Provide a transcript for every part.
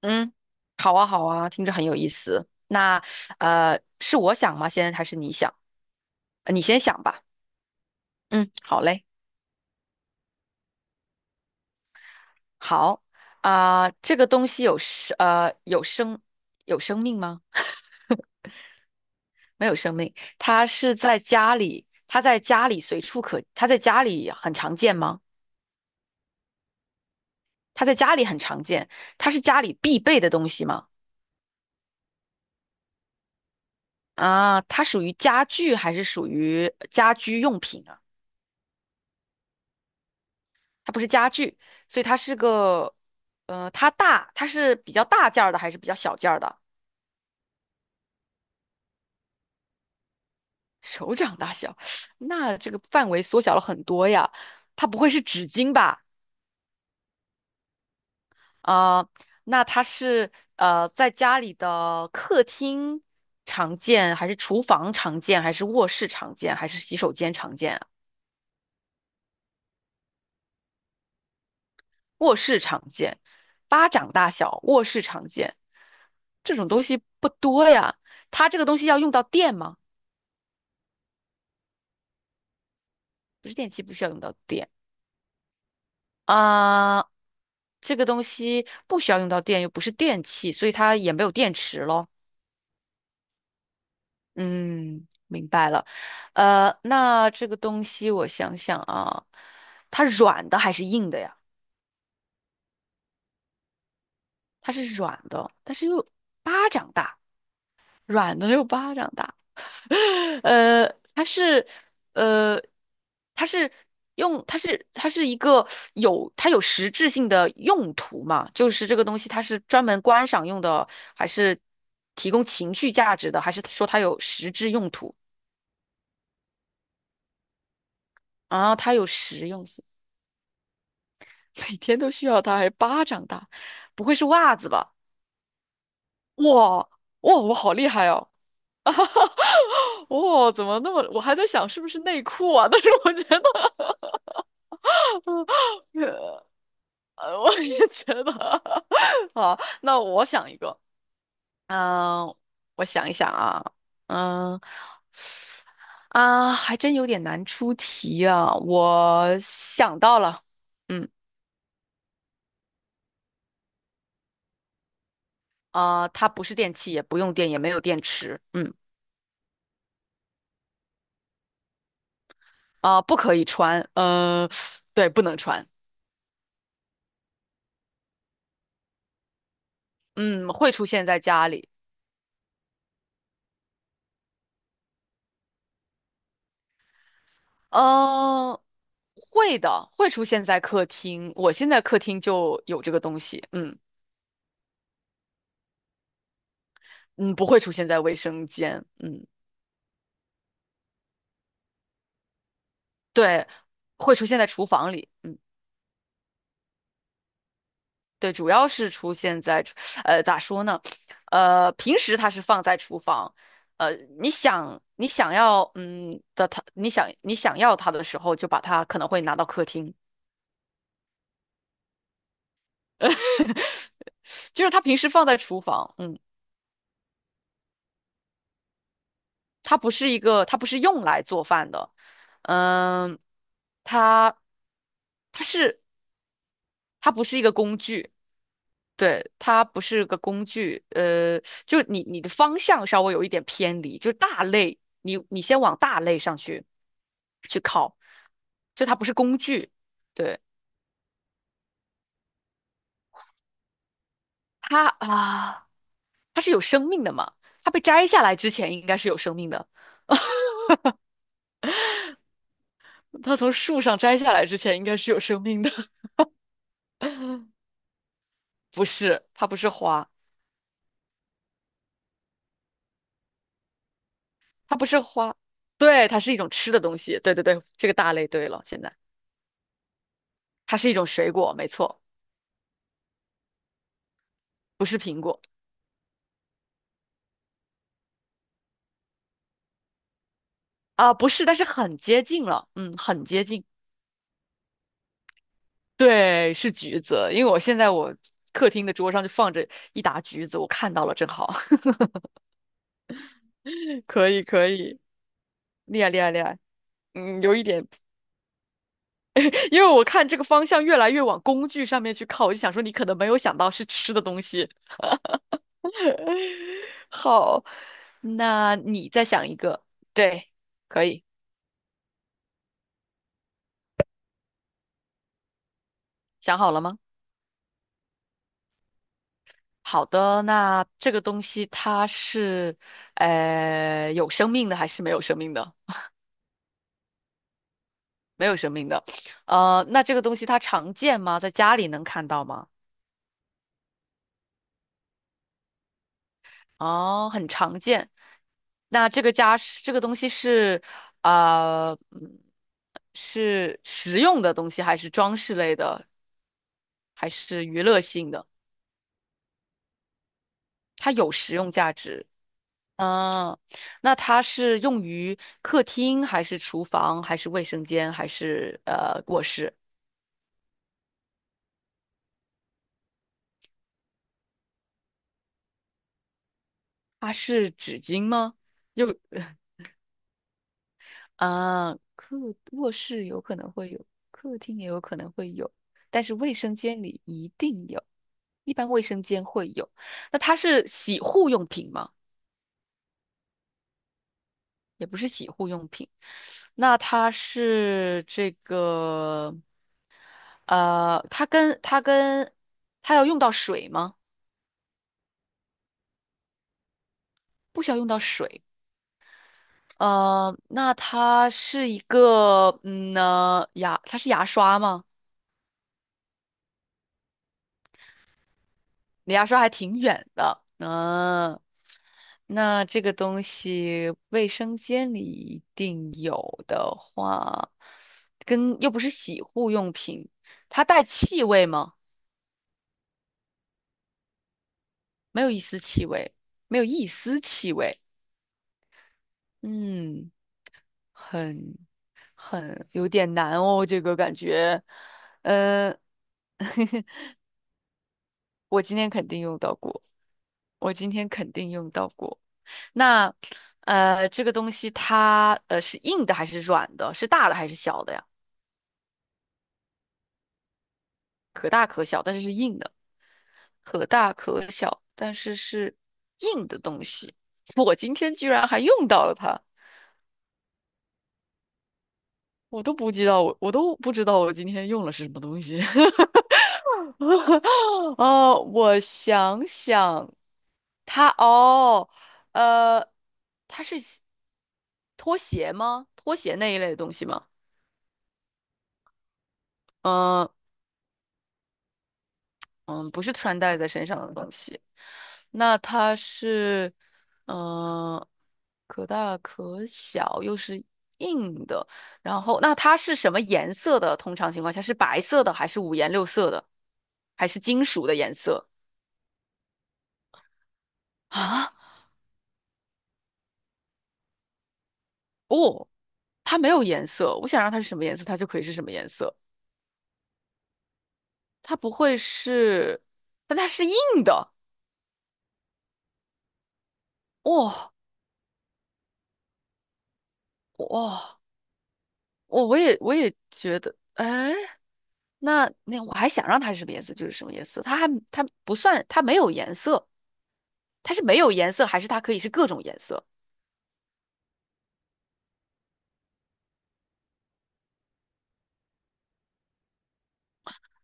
嗯，好啊，好啊，听着很有意思。是我想吗？先还是你想？你先想吧。嗯，好嘞，好啊，这个东西有生命吗？没有生命，它在家里很常见吗？它在家里很常见，它是家里必备的东西吗？啊，它属于家具还是属于家居用品？啊？它不是家具，所以它是比较大件儿的还是比较小件儿的？手掌大小，那这个范围缩小了很多呀。它不会是纸巾吧？啊、那它是在家里的客厅常见，还是厨房常见，还是卧室常见，还是洗手间常见啊？卧室常见，巴掌大小，卧室常见，这种东西不多呀。它这个东西要用到电吗？不是电器不需要用到电啊，这个东西不需要用到电，又不是电器，所以它也没有电池咯。嗯，明白了。呃，那这个东西我想想啊，它软的还是硬的呀？它是软的，但是又巴掌大，软的又巴掌大。呃，它是呃，它是它是一个它有实质性的用途嘛？就是这个东西它是专门观赏用的，还是提供情绪价值的，还是说它有实质用途啊？它有实用性，每天都需要它，还巴掌大，不会是袜子吧？哇哇，我好厉害哦！哇，怎么那么？我还在想是不是内裤啊，但是我觉得。呃，我也觉得。好，那我想一个，嗯、我想一想啊，嗯、啊，还真有点难出题啊。我想到了，嗯，啊、它不是电器，也不用电，也没有电池，嗯，啊、不可以穿，呃，对，不能穿，嗯，会出现在家里，嗯，会的，会出现在客厅，我现在客厅就有这个东西，嗯嗯，不会出现在卫生间，嗯。对，会出现在厨房里，嗯，对，主要是出现在厨呃，咋说呢？呃，平时它是放在厨房，呃，你想要它的时候，就把它可能会拿到客厅，就是它平时放在厨房，嗯，它不是用来做饭的，嗯，它它是它不是一个工具。对，它不是个工具，呃，就你的方向稍微有一点偏离，就是大类，你先往大类上去去靠，就它不是工具，对，它啊，它是有生命的嘛，它被摘下来之前应该是有生命的，它从树上摘下来之前应该是有生命的，不是，它不是花，它不是花，对，它是一种吃的东西，对对对，这个大类对了，现在它是一种水果，没错，不是苹果。啊，不是，但是很接近了，嗯，很接近。对，是橘子，因为我现在客厅的桌上就放着一打橘子，我看到了，正好，可以可以，厉害厉害厉害，嗯，有一点，因为我看这个方向越来越往工具上面去靠，我就想说你可能没有想到是吃的东西。好，那你再想一个，对，可以，想好了吗？好的，那这个东西它是，呃，有生命的还是没有生命的？没有生命的。呃，那这个东西它常见吗？在家里能看到吗？哦，很常见。那这个家是这个东西是啊，呃嗯是实用的东西，还是装饰类的，还是娱乐性的？它有实用价值。嗯，那它是用于客厅，还是厨房，还是卫生间，还是卧室？它是纸巾吗？又 啊，卧室有可能会有，客厅也有可能会有，但是卫生间里一定有，一般卫生间会有。那它是洗护用品吗？也不是洗护用品，那它是这个，呃，它跟它要用到水吗？不需要用到水。呃，那它是一个，嗯呢，它是牙刷吗？离牙刷还挺远的。嗯，那这个东西卫生间里一定有的话，跟又不是洗护用品，它带气味吗？没有一丝气味，没有一丝气味。嗯，很很有点难哦，这个感觉。嗯，我今天肯定用到过，我今天肯定用到过。那呃，这个东西它是硬的还是软的？是大的还是小的呀？可大可小，但是是硬的；可大可小，但是是硬的东西。我今天居然还用到了它，我都不知道我今天用了是什么东西。哦，我想想，它哦，呃，它是拖鞋吗？拖鞋那一类的东西吗？嗯、嗯，不是穿戴在身上的东西。那它是，嗯，可大可小，又是硬的。然后，那它是什么颜色的？通常情况下是白色的，还是五颜六色的，还是金属的颜色啊？哦，它没有颜色。我想让它是什么颜色，它就可以是什么颜色。它不会是，但它是硬的。哇、哇、我也觉得，哎。那那我还想让它是什么颜色，就是什么颜色。它还它不算，它没有颜色，它是没有颜色，还是它可以是各种颜色？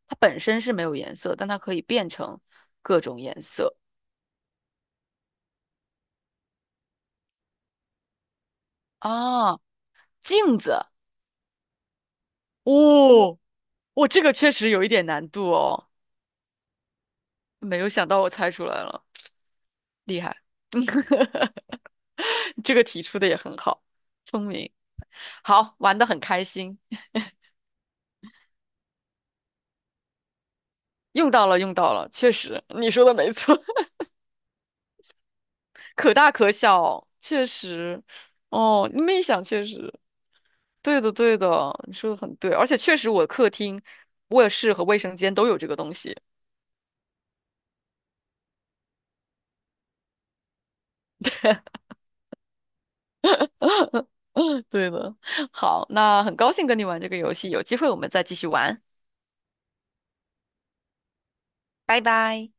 它本身是没有颜色，但它可以变成各种颜色啊。镜子，哦，我这个确实有一点难度哦，没有想到我猜出来了，厉害，这个题出的也很好，聪明。好，玩的很开心，用到了，用到了，确实，你说的没错。可大可小，确实。哦，你们一想，确实，对的，对的，你说的很对，而且确实，我客厅、卧室和卫生间都有这个东西。对的，好，那很高兴跟你玩这个游戏，有机会我们再继续玩，拜拜。